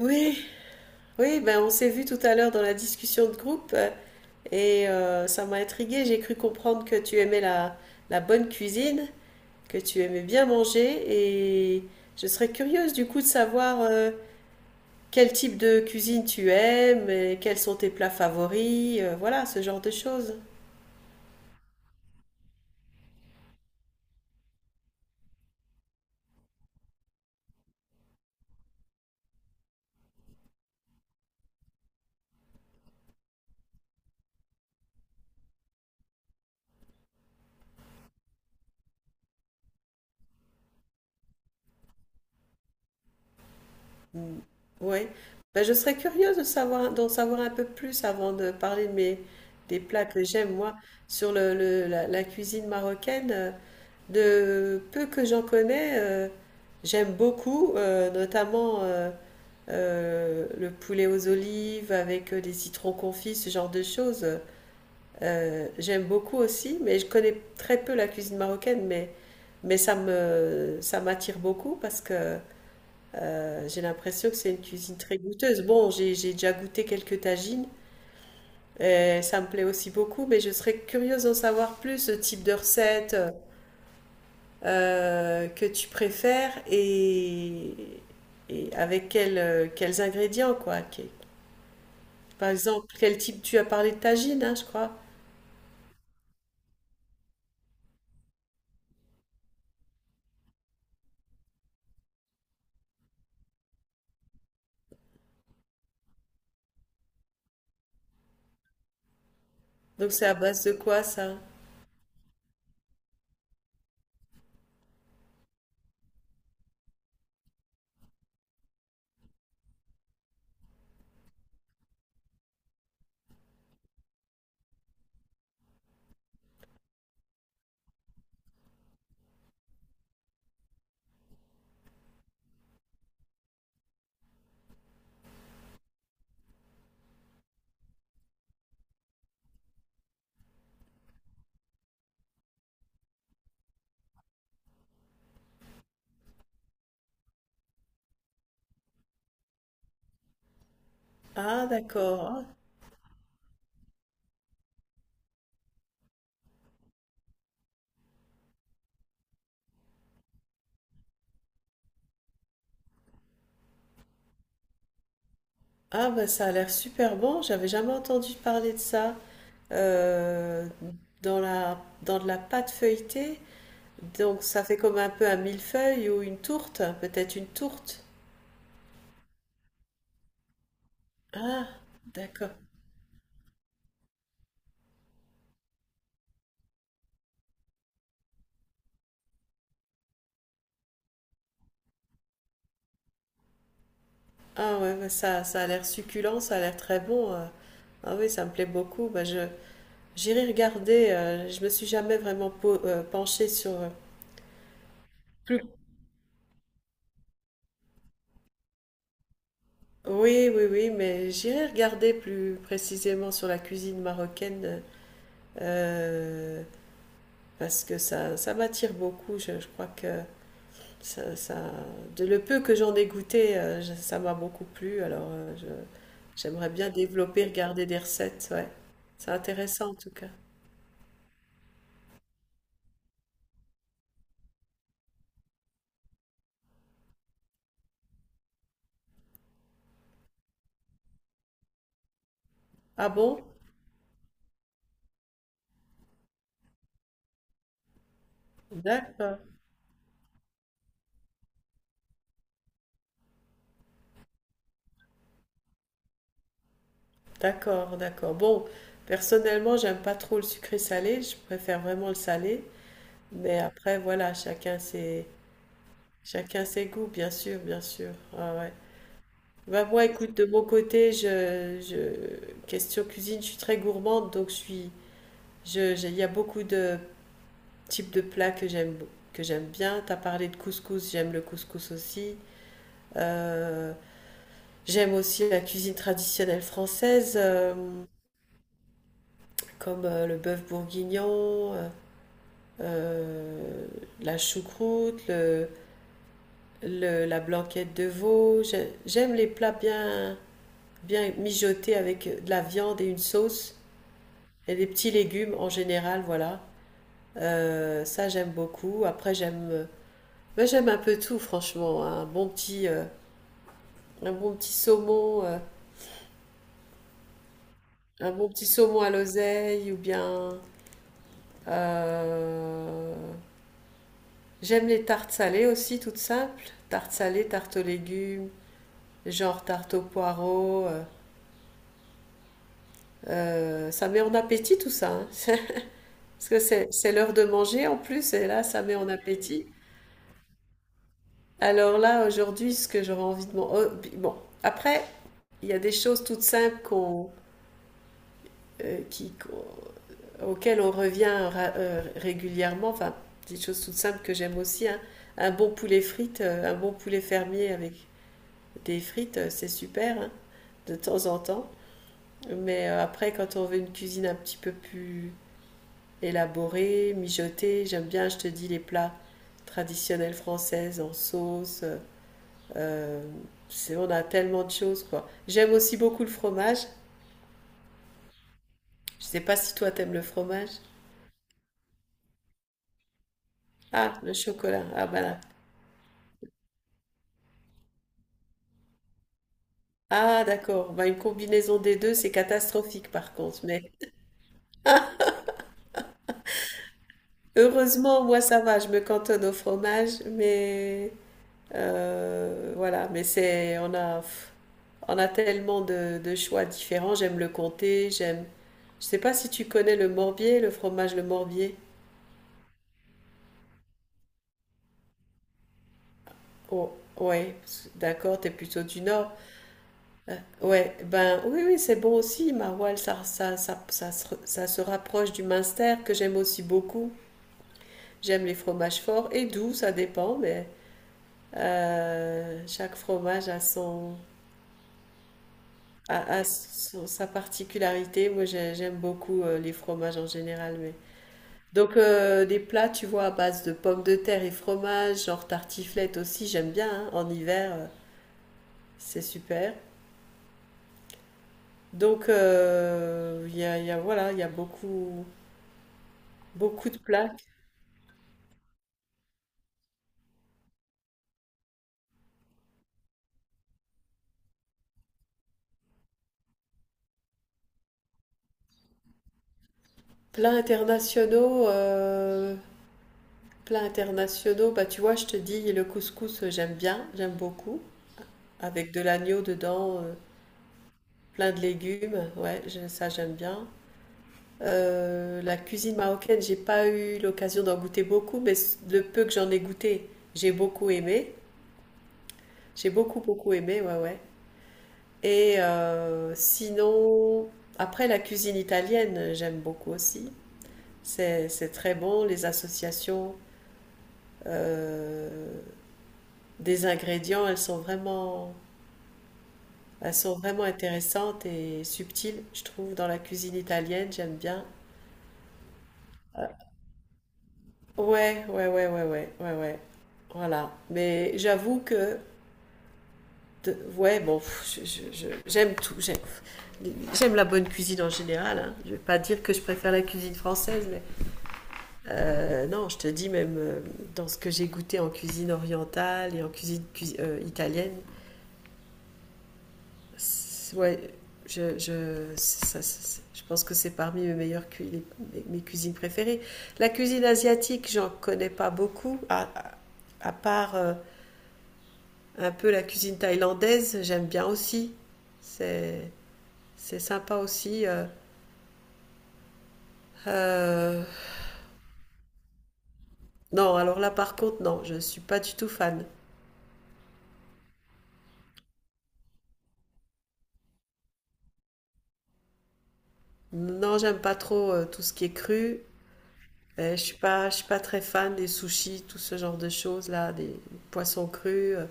Oui, oui, ben on s'est vu tout à l'heure dans la discussion de groupe. Ça m'a intriguée. J'ai cru comprendre que tu aimais la bonne cuisine, que tu aimais bien manger et je serais curieuse du coup de savoir quel type de cuisine tu aimes et quels sont tes plats favoris, voilà, ce genre de choses. Oui, ben je serais curieuse de savoir, d'en savoir un peu plus avant de parler de mes des plats que j'aime moi sur la cuisine marocaine. De peu que j'en connais, j'aime beaucoup, notamment le poulet aux olives avec des citrons confits, ce genre de choses. J'aime beaucoup aussi, mais je connais très peu la cuisine marocaine, mais ça m'attire beaucoup parce que j'ai l'impression que c'est une cuisine très goûteuse. Bon, j'ai déjà goûté quelques tagines, et ça me plaît aussi beaucoup, mais je serais curieuse d'en savoir plus, ce type de recette. Que tu préfères et avec quels, quels ingrédients, quoi. Par exemple, quel type... Tu as parlé de tagine, hein, je crois. Donc c'est à base de quoi, ça? Ah, d'accord. Ah bah, ça a l'air super bon, j'avais jamais entendu parler de ça. Euh, Dans dans de la pâte feuilletée, donc ça fait comme un peu un millefeuille ou une tourte, peut-être une tourte. Ah, d'accord. Ah ouais, bah ça, ça a l'air succulent, ça a l'air très bon. Ah oui, ça me plaît beaucoup. Bah, j'irai regarder. Je me suis jamais vraiment penchée sur. Plus- Oui, oui, oui, mais j'irai regarder plus précisément sur la cuisine marocaine euh, parce que ça m'attire beaucoup. Je crois que ça, ça, de le peu que j'en ai goûté, ça m'a beaucoup plu. Alors, j'aimerais bien développer, regarder des recettes. Ouais, c'est intéressant en tout cas. Ah bon? D'accord. D'accord, d'accord. Bon, personnellement, j'aime pas trop le sucré salé, je préfère vraiment le salé. Mais après, voilà, chacun ses goûts, bien sûr, bien sûr. Ah ouais. Bah, moi, écoute, de mon côté, question cuisine, je suis très gourmande, donc je suis, il y a beaucoup de types de plats que j'aime bien. T'as parlé de couscous, j'aime le couscous aussi. Euh, J'aime aussi la cuisine traditionnelle française, comme le bœuf bourguignon. Euh, la choucroute, la blanquette de veau. J'aime les plats bien, bien mijotés avec de la viande et une sauce et des petits légumes en général, voilà. Ça, j'aime beaucoup. Après, ben, j'aime un peu tout, franchement, hein. Un bon petit saumon, un bon petit saumon à l'oseille ou bien. euh, J'aime les tartes salées aussi, toutes simples. Tartes salées, tartes aux légumes, genre tarte aux poireaux. Ça met en appétit tout ça, hein. Parce que c'est l'heure de manger en plus, et là, ça met en appétit. Alors là, aujourd'hui, ce que j'aurais envie de manger. Bon, après, il y a des choses toutes simples euh, qui, qu'on- auxquelles on revient régulièrement. Enfin, des choses toutes simples que j'aime aussi, hein. Un bon poulet frites, un bon poulet fermier avec des frites, c'est super, hein, de temps en temps. Mais après, quand on veut une cuisine un petit peu plus élaboré, mijoté. J'aime bien, je te dis, les plats traditionnels françaises en sauce. euh, on a tellement de choses, quoi. J'aime aussi beaucoup le fromage. Je sais pas si toi t'aimes le fromage. Ah, le chocolat. Ah, voilà. Ah, d'accord. Bah, une combinaison des deux, c'est catastrophique par contre. Mais heureusement, moi, ça va. Je me cantonne au fromage. Mais voilà. Mais c'est, on a, pff, on a tellement de choix différents. J'aime le comté. J'aime... Je sais pas si tu connais le morbier, le fromage le morbier. Oh, ouais, d'accord, t'es plutôt du nord. Ouais, ben oui, oui, c'est bon aussi, maroilles, ça se rapproche du minster que j'aime aussi beaucoup. J'aime les fromages forts et doux, ça dépend, mais chaque fromage a sa particularité. Moi, j'aime beaucoup les fromages en général, mais. Donc des plats, tu vois, à base de pommes de terre et fromage, genre tartiflette aussi, j'aime bien, hein, en hiver, c'est super. Donc voilà, il y a beaucoup, beaucoup de plats. Plats internationaux, euh, plats internationaux, bah tu vois, je te dis, le couscous, j'aime bien, j'aime beaucoup, avec de l'agneau dedans, plein de légumes, ouais, ça j'aime bien. La cuisine marocaine, j'ai pas eu l'occasion d'en goûter beaucoup, mais le peu que j'en ai goûté, j'ai beaucoup aimé. J'ai beaucoup, beaucoup aimé, ouais, ouais. Et sinon, après la cuisine italienne, j'aime beaucoup aussi. C'est très bon, les associations euh, des ingrédients, elles sont vraiment intéressantes et subtiles, je trouve, dans la cuisine italienne, j'aime bien. Ouais, ouais, ouais, ouais, ouais, ouais, ouais. Voilà. Mais j'avoue que... ouais, bon, j'aime tout. J'aime la bonne cuisine en général, hein. Je ne vais pas dire que je préfère la cuisine française, mais non, je te dis même dans ce que j'ai goûté en cuisine orientale et en cuisine italienne, ouais, je, je, c'est- ça- je pense que c'est parmi mes mes cuisines préférées. La cuisine asiatique, j'en connais pas beaucoup, à part un peu la cuisine thaïlandaise, j'aime bien aussi. C'est C'est sympa aussi. Euh, Non, alors là par contre, non, je suis pas du tout fan. Non, j'aime pas trop tout ce qui est cru. Je suis pas très fan des sushis, tout ce genre de choses là, des poissons crus.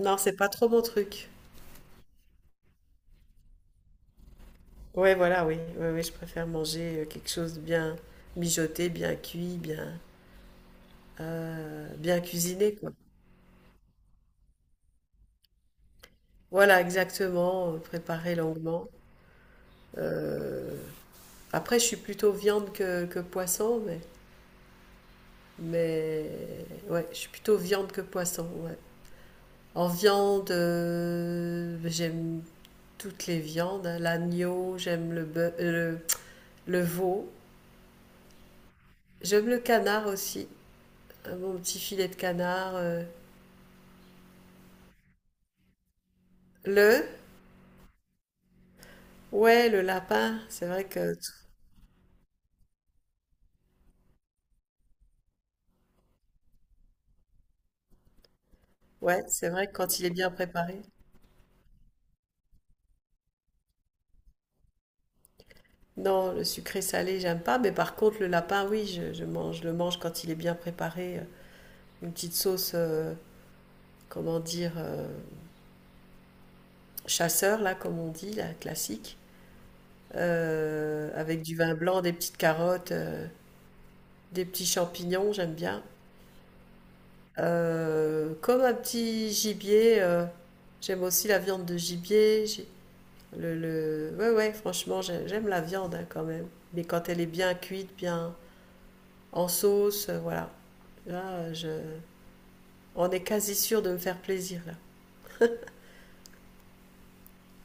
Non, c'est pas trop mon truc. Ouais, voilà, oui, oui, oui, je préfère manger quelque chose de bien mijoté, bien cuit, bien, bien cuisiné, quoi. Voilà, exactement, préparé longuement. Euh, Après, je suis plutôt viande que poisson, mais... Mais ouais, je suis plutôt viande que poisson, ouais. En viande, j'aime toutes les viandes, hein. L'agneau, j'aime le veau. J'aime le canard aussi. Un bon petit filet de canard. Le, ouais, le lapin. C'est vrai que, ouais, c'est vrai que quand il est bien préparé. Non, le sucré salé, j'aime pas. Mais par contre, le lapin, oui, je mange, je le mange quand il est bien préparé. Une petite sauce, comment dire, chasseur, là, comme on dit, la classique. Avec du vin blanc, des petites carottes, des petits champignons, j'aime bien. Comme un petit gibier, j'aime aussi la viande de gibier. Ouais, ouais, franchement, j'aime la viande, hein, quand même. Mais quand elle est bien cuite, bien en sauce, voilà. Là, je... on est quasi sûr de me faire plaisir, là.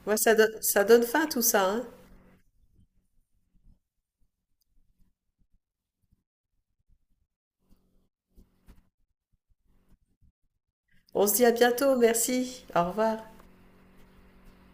Ouais, ça, ça donne faim tout ça, hein. On se dit à bientôt, merci. Au revoir.